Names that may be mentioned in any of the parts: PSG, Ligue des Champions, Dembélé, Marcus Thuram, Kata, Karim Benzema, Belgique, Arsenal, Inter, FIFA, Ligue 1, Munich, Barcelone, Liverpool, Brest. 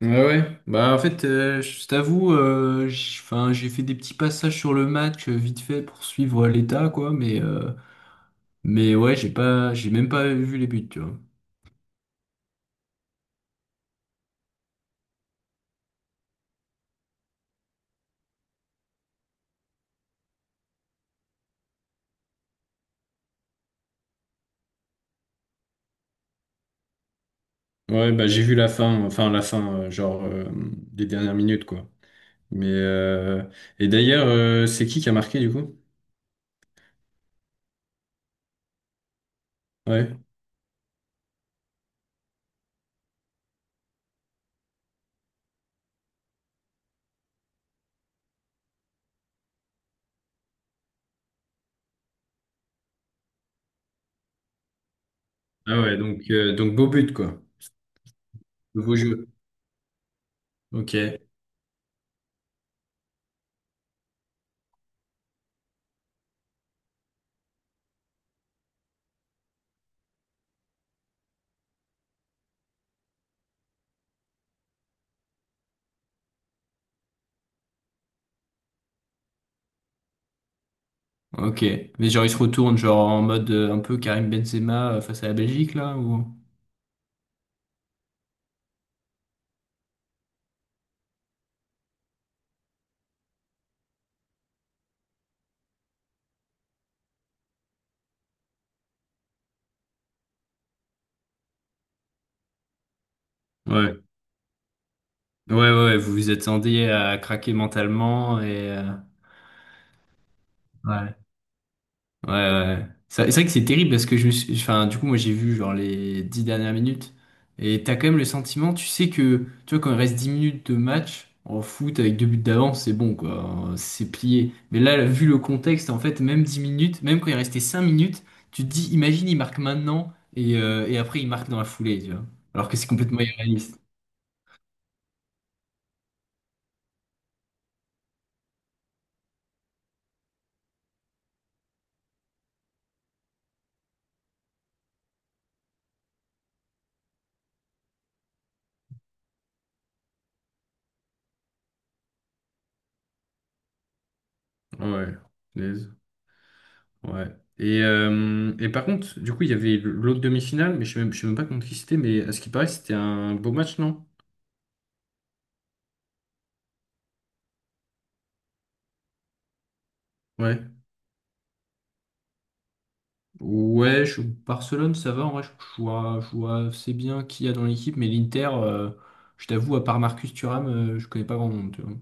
Ouais, ouais. Je t'avoue, j'ai fait des petits passages sur le match vite fait pour suivre l'état, quoi. Mais ouais, j'ai pas, j'ai même pas vu les buts, tu vois. Ouais, bah j'ai vu la fin, les dernières minutes quoi. Mais euh, c'est qui a marqué du coup? Ouais. Ah ouais, donc beau but quoi. Nouveau jeu. Ok. Ok. Mais genre, il se retourne, genre, en mode un peu Karim Benzema face à la Belgique, là, ou... Ouais. Ouais, ouais, ouais, vous vous attendiez à craquer mentalement ouais, ouais, ouais. C'est vrai que c'est terrible parce que je me suis, enfin, du coup, moi j'ai vu genre les dix dernières minutes et t'as quand même le sentiment, tu sais que, tu vois, quand il reste dix minutes de match en foot avec deux buts d'avance, c'est bon quoi, hein, c'est plié. Mais là, vu le contexte, en fait, même dix minutes, même quand il restait cinq minutes, tu te dis, imagine, il marque maintenant et après il marque dans la foulée, tu vois. Alors que c'est complètement irréaliste. Ouais. Ouais. Et par contre, du coup, il y avait l'autre demi-finale, mais je sais même pas contre qui c'était, mais à ce qui paraît, c'était un beau match, non? Ouais. Ouais, je- Barcelone, ça va, en vrai, je vois assez bien qui y a dans l'équipe, mais l'Inter, je t'avoue, à part Marcus Thuram, je connais pas grand monde, tu vois.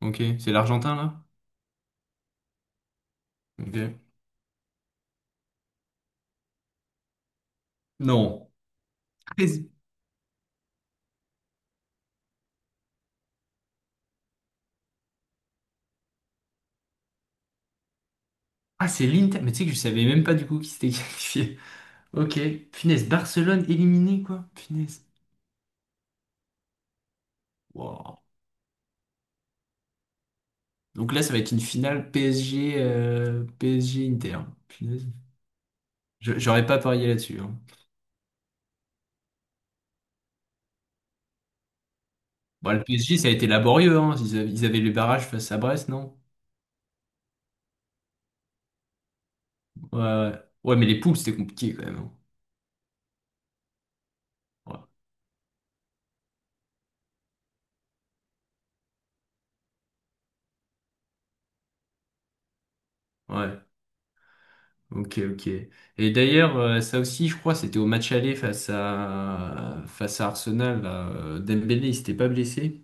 Ok, c'est l'Argentin, là? Ok. Non. Treize- Ah, c'est l'Inter, mais tu sais que je savais même pas du coup qui s'était qualifié. Ok, finesse, Barcelone éliminé, quoi. Finesse. Wow. Donc là, ça va être une finale PSG, PSG Inter. Punaise. J'aurais pas parié là-dessus, hein. Bon, le PSG, ça a été laborieux, hein. Ils avaient les barrages face à Brest, non? Ouais, ouais. Ouais, mais les poules, c'était compliqué quand même, hein. Ouais. Ouais. Ok, ok. Et d'ailleurs, ça aussi, je crois, c'était au match aller face à Arsenal là. Dembélé, il s'était pas blessé.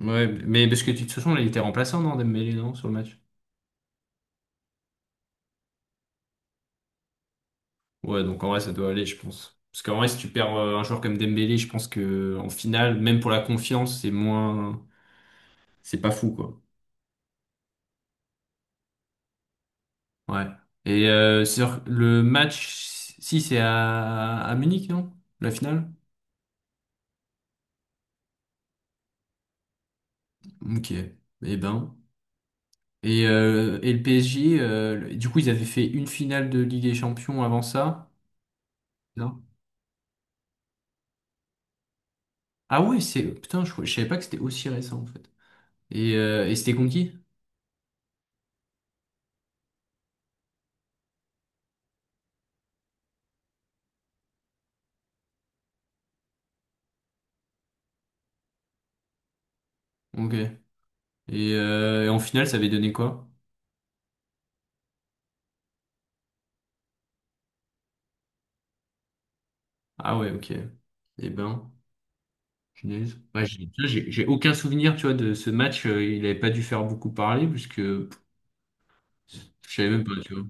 Ouais, mais parce que de toute façon, là, il était remplaçant, non, Dembélé, non, sur le match? Ouais, donc en vrai, ça doit aller, je pense. Parce qu'en vrai, si tu perds un joueur comme Dembélé, je pense que en finale, même pour la confiance, c'est moins, c'est pas fou, quoi. Ouais. Sur le match, si c'est à Munich, non? La finale? Ok. Eh ben. Et le PSG, du coup, ils avaient fait une finale de Ligue des Champions avant ça. Non? Ah ouais, c'est. Putain, je savais pas que c'était aussi récent, en fait. Et c'était conquis? Ok. Et en finale, ça avait donné quoi? Ah ouais, ok. Eh ben, punaise. Ouais, j'ai aucun souvenir, tu vois, de ce match. Il n'avait pas dû faire beaucoup parler, puisque je savais même pas, tu vois.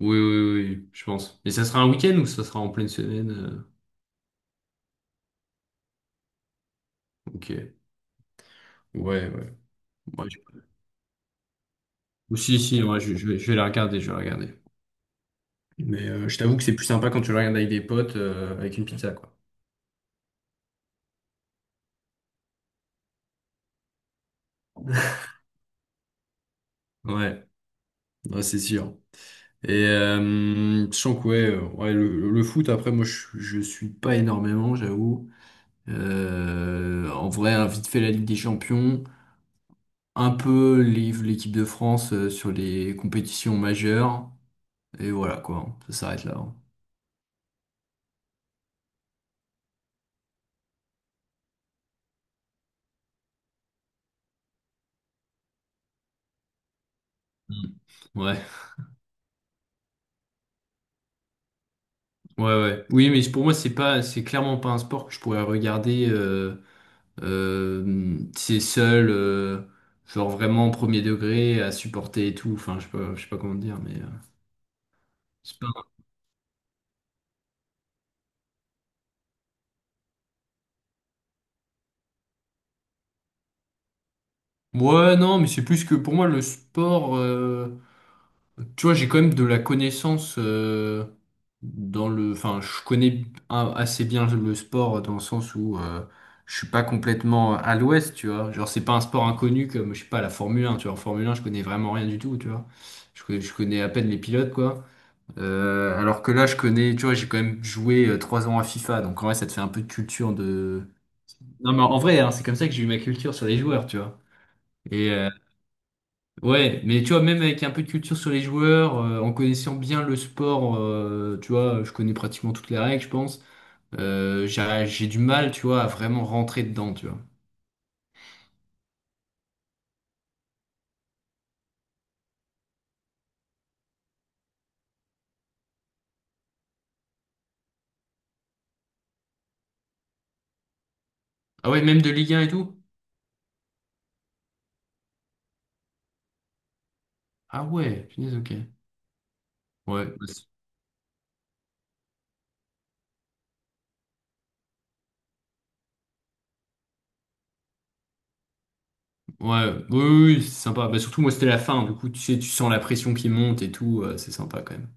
Oui, oui, oui, oui, je pense. Mais ça sera un week-end ou ça sera en pleine semaine? Ok. Ouais, ouais. Ouais, je- Ou si, si, ouais, je vais la regarder, Mais je t'avoue que c'est plus sympa quand tu le regardes avec des potes, avec une pizza, quoi. Ouais, ouais, c'est sûr. Je sens que ouais, ouais, le foot, après, moi, je suis pas énormément, j'avoue. En vrai, hein, vite fait la Ligue des Champions, l'équipe de France sur les compétitions majeures, et voilà quoi, ça s'arrête là, hein. Mm. Ouais, ouais, ouais. Oui, mais pour moi, c'est pas, c'est clairement pas un sport que je pourrais regarder. C'est seul, genre vraiment premier degré à supporter et tout. Enfin, je sais pas comment dire, mais c'est pas. Ouais, non, mais c'est plus que pour moi le sport. Tu vois, j'ai quand même de la connaissance dans le. Enfin, assez bien le sport dans le sens où je suis pas complètement à l'ouest, tu vois. Genre, c'est pas un sport inconnu comme, je sais pas, la Formule 1, tu vois. En Formule 1, je connais vraiment rien du tout, tu vois. Je connais à peine les pilotes, quoi. Alors que là, je connais, tu vois, j'ai quand même joué trois ans à FIFA, donc en vrai, ça te fait un peu de culture de. Non, mais en vrai, hein, c'est comme ça que j'ai eu ma culture sur les joueurs, tu vois. Et, euh, Ouais, mais tu vois, même avec un peu de culture sur les joueurs, en connaissant bien le sport, tu vois, je connais pratiquement toutes les règles, je pense. J'ai du mal, tu vois, à vraiment rentrer dedans, tu vois. Ah ouais, même de Ligue 1 et tout? Ah ouais, punaise, ok. Ouais, bah, c'est- ouais, oui, oui, oui, c'est sympa. Bah, surtout, moi, c'était la fin, du coup, tu sais, tu sens la pression qui monte et tout, c'est sympa quand même.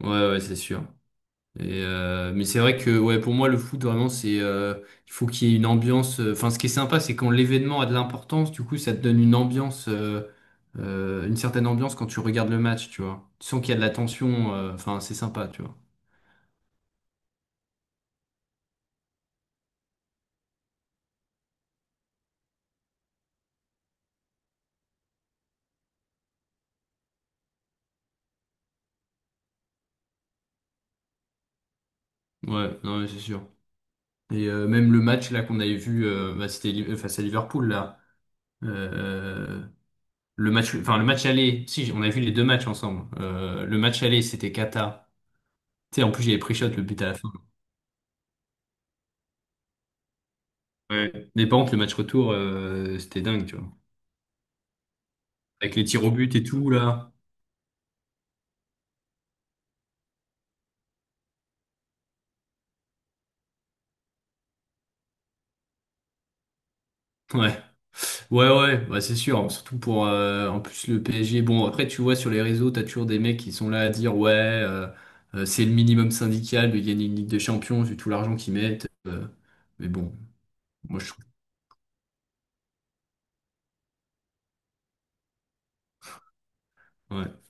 Ouais, ouais, c'est sûr. Mais c'est vrai que ouais, pour moi, le foot, vraiment, il faut qu'il y ait une ambiance. Enfin, ce qui est sympa, c'est quand l'événement a de l'importance, du coup, ça te donne une ambiance, une certaine ambiance quand tu regardes le match, tu vois. Tu sens qu'il y a de la tension, enfin, c'est sympa, tu vois. Ouais, non, mais c'est sûr. Même le match là qu'on avait vu, c'était face à Liverpool, là. Euh, le match aller, si, on a vu les deux matchs ensemble. Le match aller, c'était Kata. Tu sais, en plus, j'avais pris shot le but à la fin. Ouais. Mais par contre, le match retour, c'était dingue, tu vois. Avec les tirs au but et tout, là. Ouais, ouais, ouais, bah, c'est sûr. Surtout pour, en plus, le PSG. Bon, après, tu vois, sur les réseaux, t'as toujours des mecs qui sont là à dire, ouais, c'est le minimum syndical de gagner une Ligue des Champions, vu tout l'argent qu'ils mettent. Mais bon, moi, je trouve. Ouais.